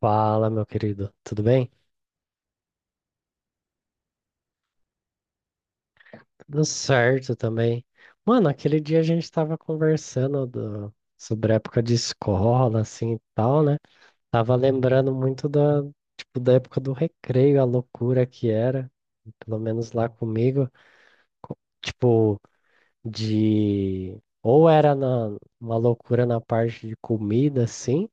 Fala, meu querido, tudo bem? Tudo certo também. Mano, aquele dia a gente tava conversando sobre a época de escola, assim e tal, né? Tava lembrando muito tipo, da época do recreio, a loucura que era, pelo menos lá comigo, tipo, de. Ou era na, uma loucura na parte de comida, assim.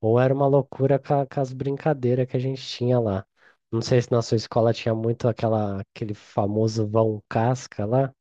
Ou era uma loucura com, com as brincadeiras que a gente tinha lá. Não sei se na sua escola tinha muito aquele famoso vão casca lá.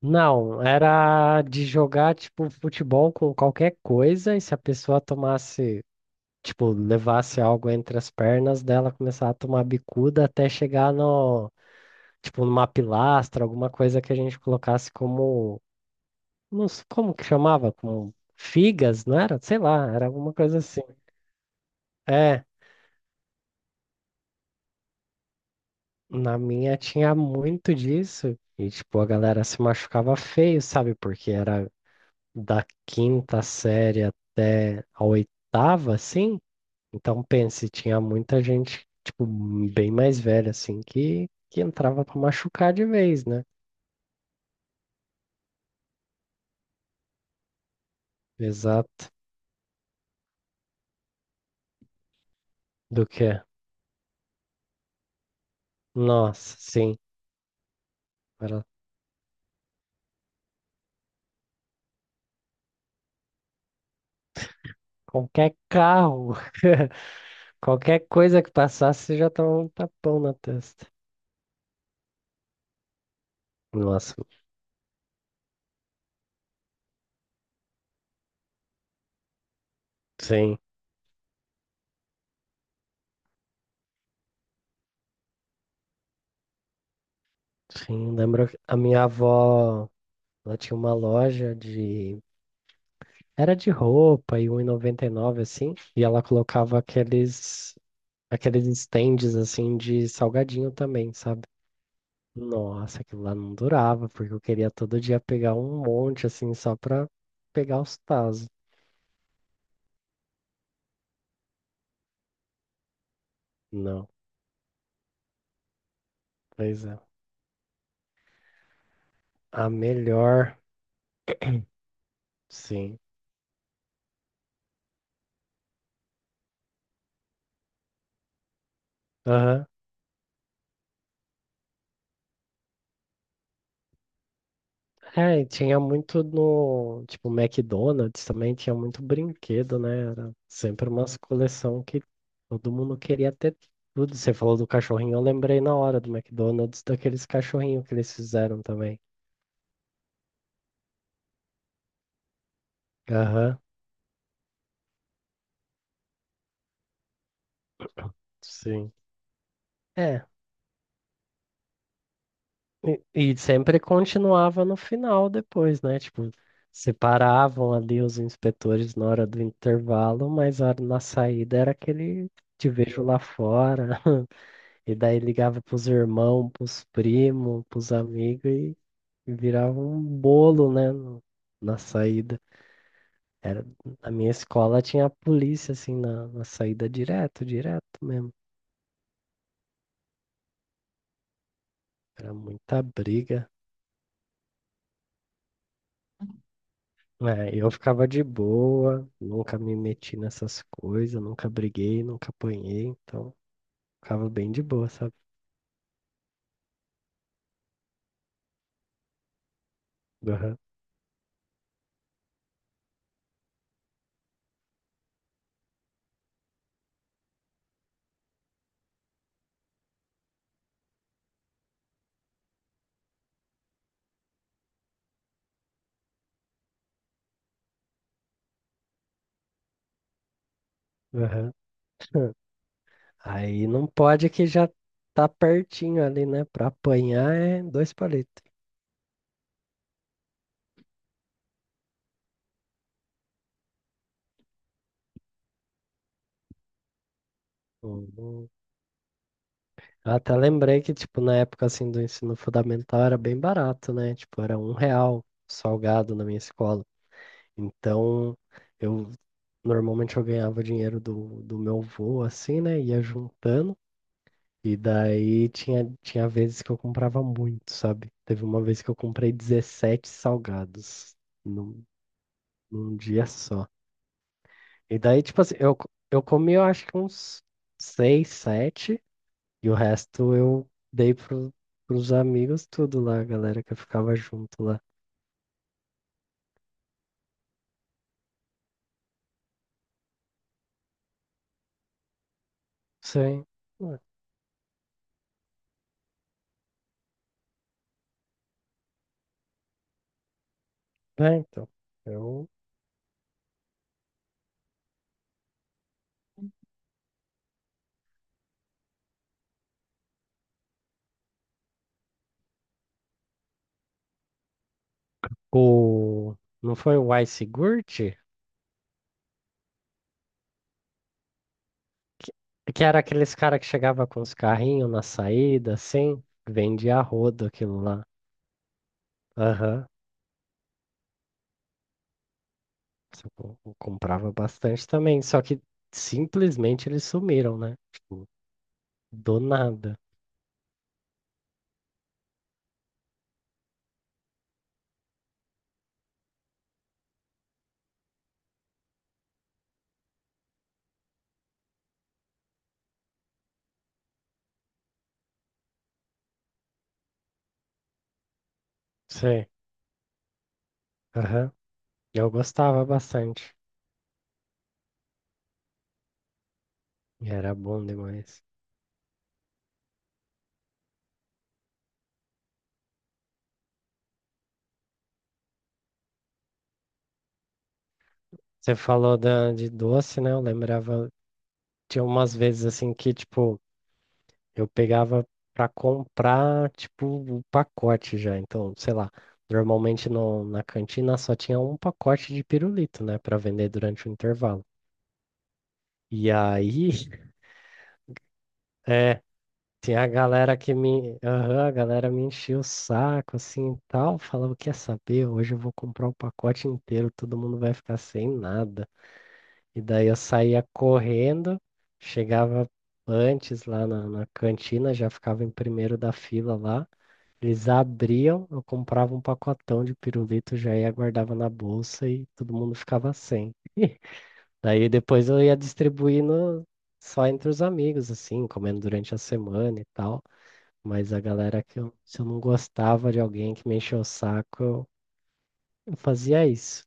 Não, era de jogar tipo futebol com qualquer coisa e se a pessoa tomasse, tipo, levasse algo entre as pernas dela, começar a tomar bicuda até chegar no, tipo, numa pilastra, alguma coisa que a gente colocasse como, não s- como que chamava? Como figas, não era? Sei lá, era alguma coisa assim. É. Na minha tinha muito disso. E, tipo, a galera se machucava feio, sabe? Porque era da quinta série até a oitava, assim. Então, pense, tinha muita gente, tipo, bem mais velha, assim, que entrava pra machucar de vez, né? Exato. Do que? Nossa, sim. Era qualquer carro, qualquer coisa que passasse, você já tomava um tapão na testa. Nossa, sim. Sim, lembro que a minha avó. Ela tinha uma loja de. Era de roupa e 1,99 assim. E ela colocava aqueles. Aqueles stands assim de salgadinho também, sabe? Nossa, aquilo lá não durava, porque eu queria todo dia pegar um monte assim só pra pegar os tazos. Não, pois é. A melhor, sim. Aham. É, e tinha muito no, tipo, McDonald's também tinha muito brinquedo, né? Era sempre umas coleção que todo mundo queria ter tudo. Você falou do cachorrinho, eu lembrei na hora do McDonald's daqueles cachorrinhos que eles fizeram também. Aham, sim. É, e sempre continuava no final depois, né? Tipo, separavam ali os inspetores na hora do intervalo, mas a na saída era aquele te vejo lá fora. E daí ligava pros irmãos, pros primos, pros amigos e virava um bolo, né, na saída. Era, na minha escola tinha a polícia, assim, na saída direto, direto mesmo. Era muita briga. É, eu ficava de boa, nunca me meti nessas coisas, nunca briguei, nunca apanhei, então ficava bem de boa, sabe? Aham, aham. Aí não pode que já tá pertinho ali, né? Pra apanhar é dois palitos. Uhum. Até lembrei que, tipo, na época, assim, do ensino fundamental era bem barato, né? Tipo, era R$1 salgado na minha escola. Então, eu normalmente eu ganhava o dinheiro do meu avô, assim, né? Ia juntando. E daí tinha, tinha vezes que eu comprava muito, sabe? Teve uma vez que eu comprei 17 salgados num, num dia só. E daí, tipo assim, eu, eu comi, eu acho que uns 6 7 E o resto eu dei pro, pros amigos tudo lá, a galera que eu ficava junto lá. Sim. Ué. É, então. Eu... O... Não foi o Ice Gurt? Que, que era aqueles cara que chegava com os carrinhos na saída, assim. Vendia a rodo aquilo lá. Aham. Só que eu comprava bastante também. Só que simplesmente eles sumiram, né? Tipo, do nada. Sim. Aham. Eu gostava bastante. E era bom demais. Você falou de doce, né? Eu lembrava, tinha umas vezes assim que, tipo, eu pegava pra comprar, tipo, o pacote já. Então, sei lá, normalmente no, na cantina só tinha um pacote de pirulito, né, pra vender durante o intervalo. E aí, é, tinha a galera que me, aham, a galera me enchia o saco, assim, e tal, falava, quer saber, hoje eu vou comprar o pacote inteiro, todo mundo vai ficar sem nada. E daí eu saía correndo, chegava antes lá na cantina, já ficava em primeiro da fila lá. Eles abriam, eu comprava um pacotão de pirulito, já ia, guardava na bolsa e todo mundo ficava sem. Daí depois eu ia distribuindo só entre os amigos, assim, comendo durante a semana e tal. Mas a galera que eu, se eu não gostava de alguém que me encheu o saco, eu fazia isso.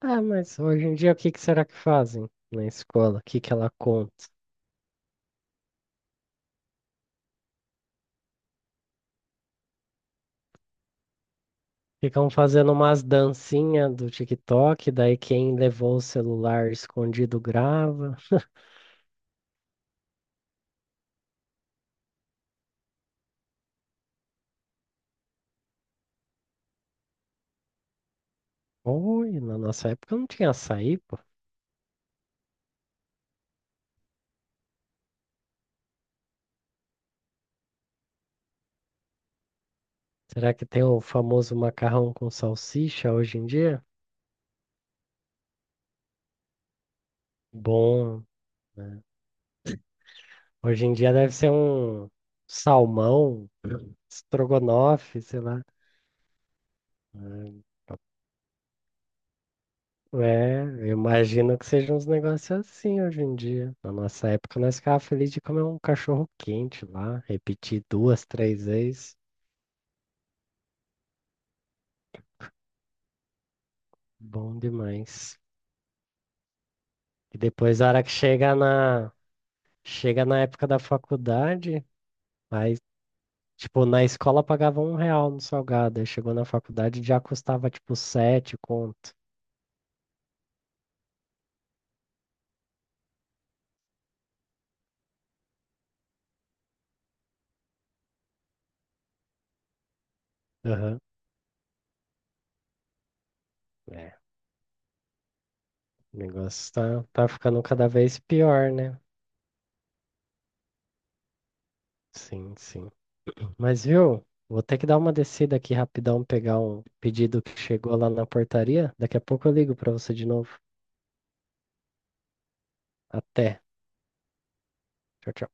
Ah, mas hoje em dia o que que será que fazem na escola? O que que ela conta? Ficam fazendo umas dancinhas do TikTok, daí quem levou o celular escondido grava. Oi, na nossa época não tinha açaí, pô. Será que tem o famoso macarrão com salsicha hoje em dia? Bom, hoje em dia deve ser um salmão, estrogonofe, sei lá. É, eu imagino que sejam uns negócios assim hoje em dia. Na nossa época, nós ficávamos felizes de comer um cachorro quente lá, repetir duas, três vezes. Bom demais. E depois, a hora que chega na época da faculdade, aí, tipo, na escola pagava R$1 no salgado, aí chegou na faculdade já custava, tipo, 7 conto. Aham. É, o negócio tá ficando cada vez pior, né? Sim, sim. Mas viu, vou ter que dar uma descida aqui rapidão, pegar um pedido que chegou lá na portaria. Daqui a pouco eu ligo pra você de novo. Até. Tchau, tchau.